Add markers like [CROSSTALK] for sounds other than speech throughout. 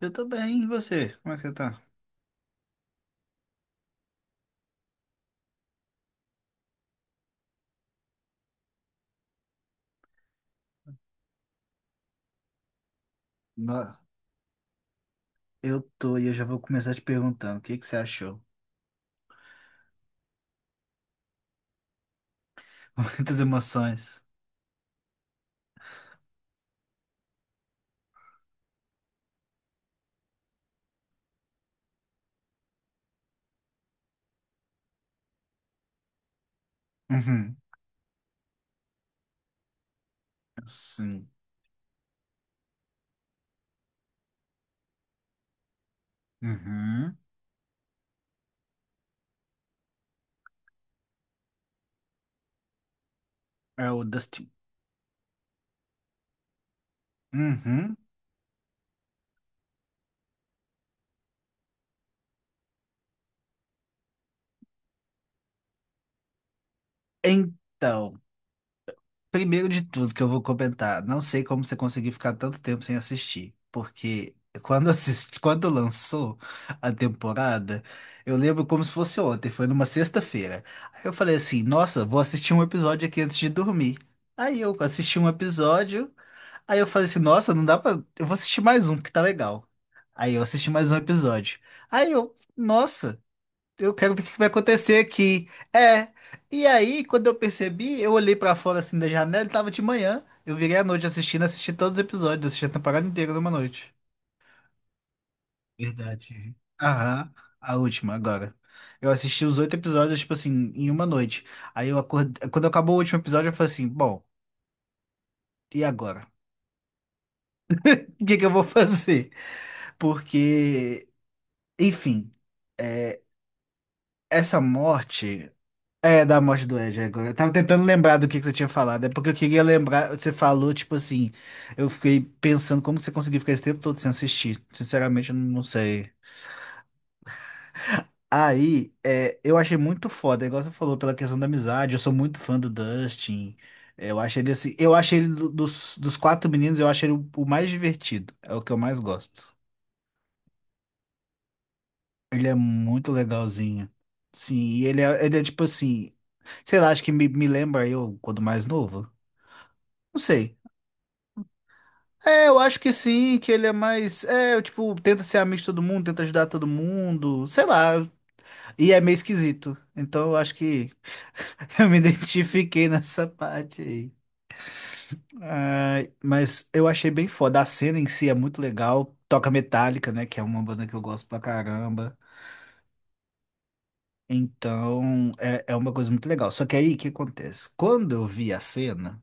Eu tô bem, e você? Como é que você tá? No- Eu tô e eu já vou começar te perguntando, o que que você achou? [LAUGHS] Muitas emoções. Uhum. Sim. Uhum. É o Dustin. Uhum. Então, primeiro de tudo que eu vou comentar, não sei como você conseguiu ficar tanto tempo sem assistir, porque quando assisti, [LAUGHS] quando lançou a temporada, eu lembro como se fosse ontem, foi numa sexta-feira. Aí eu falei assim, nossa, vou assistir um episódio aqui antes de dormir. Aí eu assisti um episódio, aí eu falei assim, nossa, não dá pra, eu vou assistir mais um, porque tá legal. Aí eu assisti mais um episódio. Aí eu, nossa, eu quero ver o que vai acontecer aqui. É. E aí, quando eu percebi, eu olhei pra fora assim da janela e tava de manhã. Eu virei à noite assistindo, assisti todos os episódios, assisti a temporada inteira numa noite. Verdade. Aham, a última agora. Eu assisti os oito episódios, tipo assim, em uma noite. Aí eu acordei. Quando acabou o último episódio, eu falei assim: bom, e agora? [LAUGHS] O que que eu vou fazer? Porque, enfim, é, essa morte. É, da morte do Ed é, agora. Eu tava tentando lembrar do que você tinha falado. É porque eu queria lembrar. Você falou, tipo assim. Eu fiquei pensando como que você conseguiu ficar esse tempo todo sem assistir. Sinceramente, eu não sei. Aí, eu achei muito foda, igual você falou, pela questão da amizade. Eu sou muito fã do Dustin. É, eu achei ele assim. Eu achei ele dos quatro meninos, eu achei ele o mais divertido. É o que eu mais gosto. Ele é muito legalzinho. Sim, e ele é tipo assim. Sei lá, acho que me lembra eu quando mais novo. Não sei. É, eu acho que sim, que ele é mais. É, tipo, tenta ser amigo de todo mundo, tenta ajudar todo mundo, sei lá. E é meio esquisito. Então eu acho que [LAUGHS] eu me identifiquei nessa parte aí. Ai, mas eu achei bem foda. A cena em si é muito legal. Toca Metallica, né? Que é uma banda que eu gosto pra caramba. Então é uma coisa muito legal. Só que aí o que acontece? Quando eu vi a cena,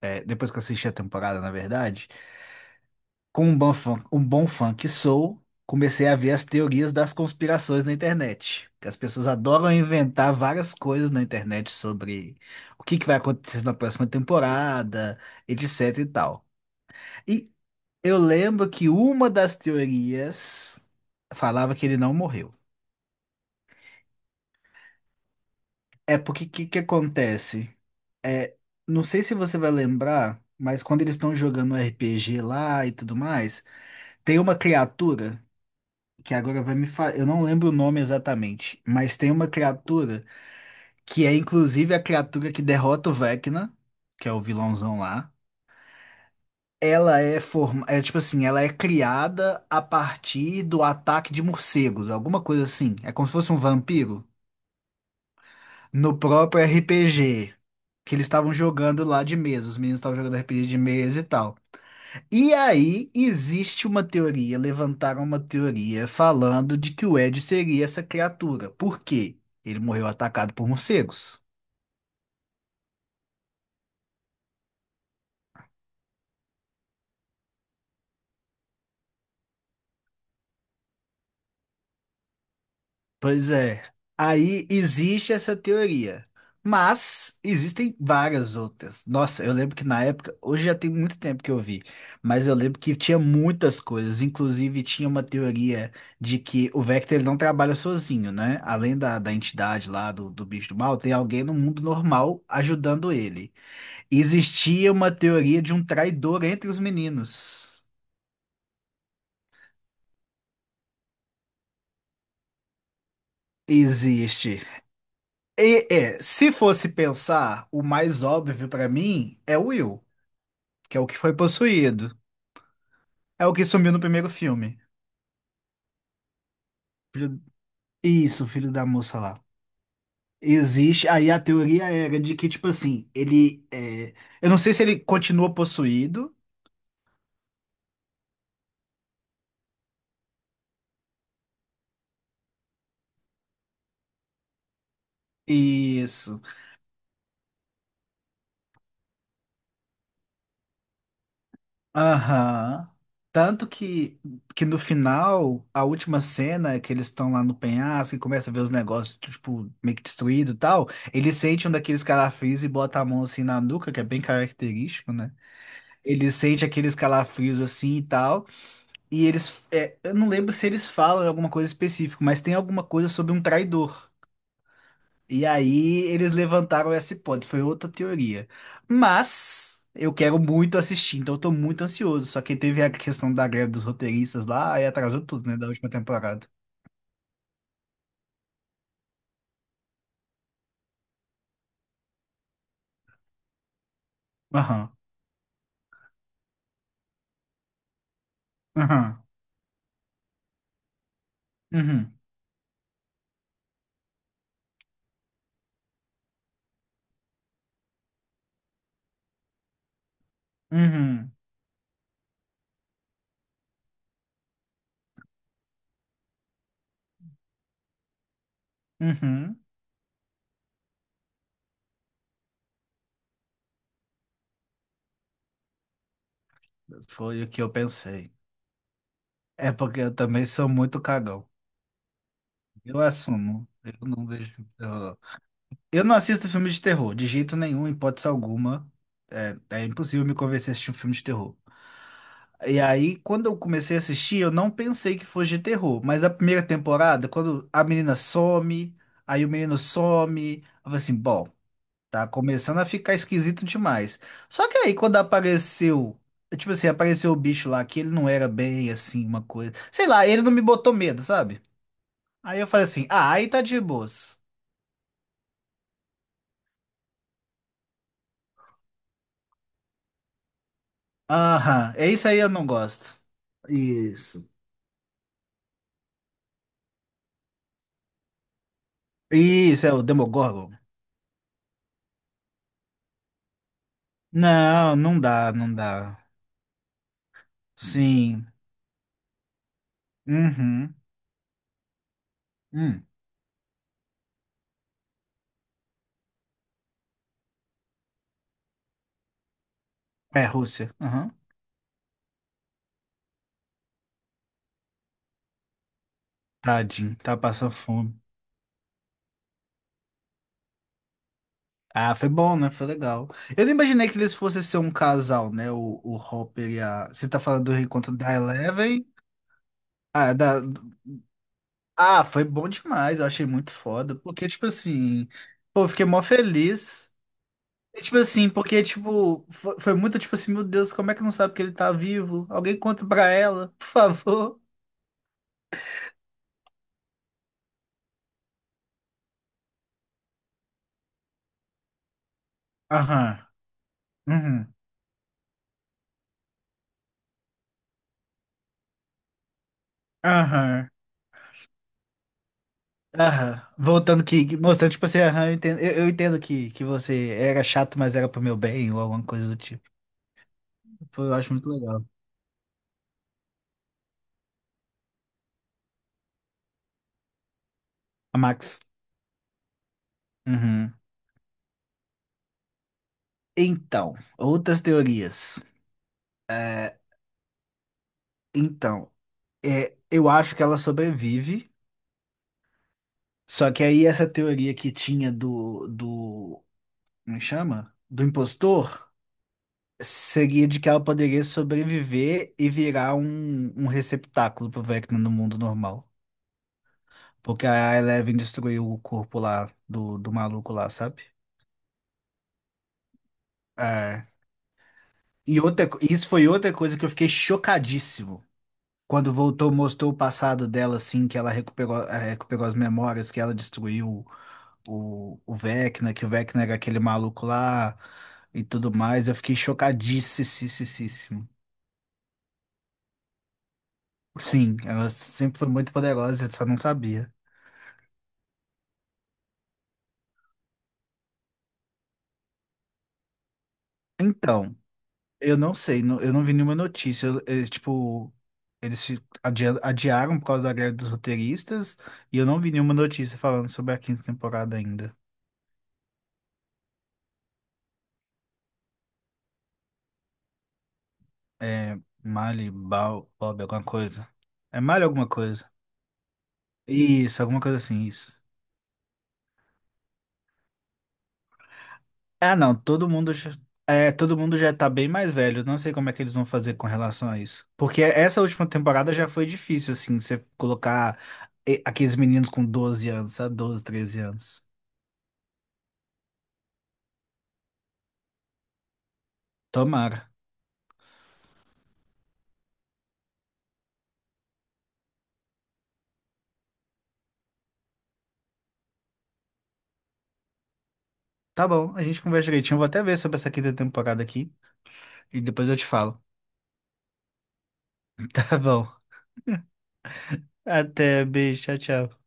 depois que eu assisti a temporada, na verdade. Com um bom fã que sou, comecei a ver as teorias das conspirações na internet. Que as pessoas adoram inventar várias coisas na internet sobre o que que vai acontecer na próxima temporada, etc e tal. E eu lembro que uma das teorias falava que ele não morreu. É porque o que que acontece? É, não sei se você vai lembrar, mas quando eles estão jogando RPG lá e tudo mais, tem uma criatura. Que agora vai me falar. Eu não lembro o nome exatamente, mas tem uma criatura que é inclusive a criatura que derrota o Vecna, que é o vilãozão lá. Ela é forma, é tipo assim, ela é criada a partir do ataque de morcegos, alguma coisa assim. É como se fosse um vampiro no próprio RPG que eles estavam jogando lá de mesa. Os meninos estavam jogando RPG de mesa e tal. E aí existe uma teoria, levantaram uma teoria falando de que o Ed seria essa criatura. Por quê? Ele morreu atacado por morcegos. Pois é. Aí existe essa teoria. Mas existem várias outras. Nossa, eu lembro que na época, hoje já tem muito tempo que eu vi, mas eu lembro que tinha muitas coisas. Inclusive, tinha uma teoria de que o Vector ele não trabalha sozinho, né? Além da entidade lá do bicho do mal, tem alguém no mundo normal ajudando ele. Existia uma teoria de um traidor entre os meninos. Existe. E, se fosse pensar, o mais óbvio pra mim é o Will, que é o que foi possuído. É o que sumiu no primeiro filme. Filho- Isso, filho da moça lá. Existe. Aí a teoria era de que, tipo assim, ele. Eu não sei se ele continua possuído. Isso. Aham. Tanto que no final, a última cena que eles estão lá no penhasco e começa a ver os negócios, tipo, meio que destruído e tal, ele sente um daqueles calafrios e bota a mão assim na nuca, que é bem característico, né? Ele sente aqueles calafrios assim e tal, e eles, eu não lembro se eles falam alguma coisa específica, mas tem alguma coisa sobre um traidor. E aí eles levantaram essa hipótese, foi outra teoria. Mas eu quero muito assistir, então eu tô muito ansioso. Só que teve a questão da greve dos roteiristas lá e atrasou tudo, né, da última temporada. Aham, aham, uhum, uhum, uhum. Foi o que eu pensei. É porque eu também sou muito cagão. Eu assumo. Eu não vejo filme de terror. Eu não assisto filme de terror, de jeito nenhum, hipótese alguma. É impossível me convencer a assistir um filme de terror. E aí, quando eu comecei a assistir, eu não pensei que fosse de terror. Mas a primeira temporada, quando a menina some, aí o menino some, eu falei assim, bom, tá começando a ficar esquisito demais. Só que aí, quando apareceu, tipo assim, apareceu o bicho lá, que ele não era bem assim, uma coisa. Sei lá, ele não me botou medo, sabe? Aí eu falei assim, ah, aí tá de boas. Aham, é isso aí eu não gosto. Isso. Isso, é o Demogorgon. Não, não dá, não dá. Sim. Uhum. Hum. É, Rússia. Uhum. Tadinho, tá passando fome. Ah, foi bom, né? Foi legal. Eu não imaginei que eles fossem ser um casal, né? O Hopper e a. Você tá falando do encontro da Eleven? Ah, foi bom demais. Eu achei muito foda. Porque, tipo assim. Pô, eu fiquei mó feliz. E, tipo assim, porque, tipo. Foi muito tipo assim: meu Deus, como é que não sabe que ele tá vivo? Alguém conta pra ela, por favor. Aham. Uhum. Aham. Aham, voltando mostrando, tipo assim, aham, eu entendo, eu entendo que você era chato, mas era pro meu bem, ou alguma coisa do tipo. Pô, eu acho muito legal. A Max. Uhum. Então, outras teorias. É, então, eu acho que ela sobrevive, só que aí essa teoria que tinha do, como chama? Do impostor, seria de que ela poderia sobreviver e virar um receptáculo pro Vecna no mundo normal. Porque a Eleven destruiu o corpo lá do maluco lá, sabe? É. E outra, isso foi outra coisa que eu fiquei chocadíssimo. Quando voltou, mostrou o passado dela, assim, que ela recuperou as memórias, que ela destruiu o Vecna, que o Vecna era aquele maluco lá e tudo mais. Eu fiquei chocadíssimo. Sim, ela sempre foi muito poderosa, eu só não sabia. Então. Eu não sei, eu não vi nenhuma notícia. Eles, tipo, eles se adia- adiaram por causa da greve dos roteiristas e eu não vi nenhuma notícia falando sobre a quinta temporada ainda. É Mali, Bal, Bob, alguma coisa. É Mali alguma coisa. Isso, alguma coisa assim, isso. Ah, não, todo mundo já, todo mundo já tá bem mais velho. Eu não sei como é que eles vão fazer com relação a isso. Porque essa última temporada já foi difícil, assim, você colocar aqueles meninos com 12 anos, sabe? 12, 13 anos. Tomara. Tá bom, a gente conversa direitinho. Vou até ver sobre essa quinta temporada aqui e depois eu te falo. [LAUGHS] Tá bom. Até, beijo, tchau, tchau.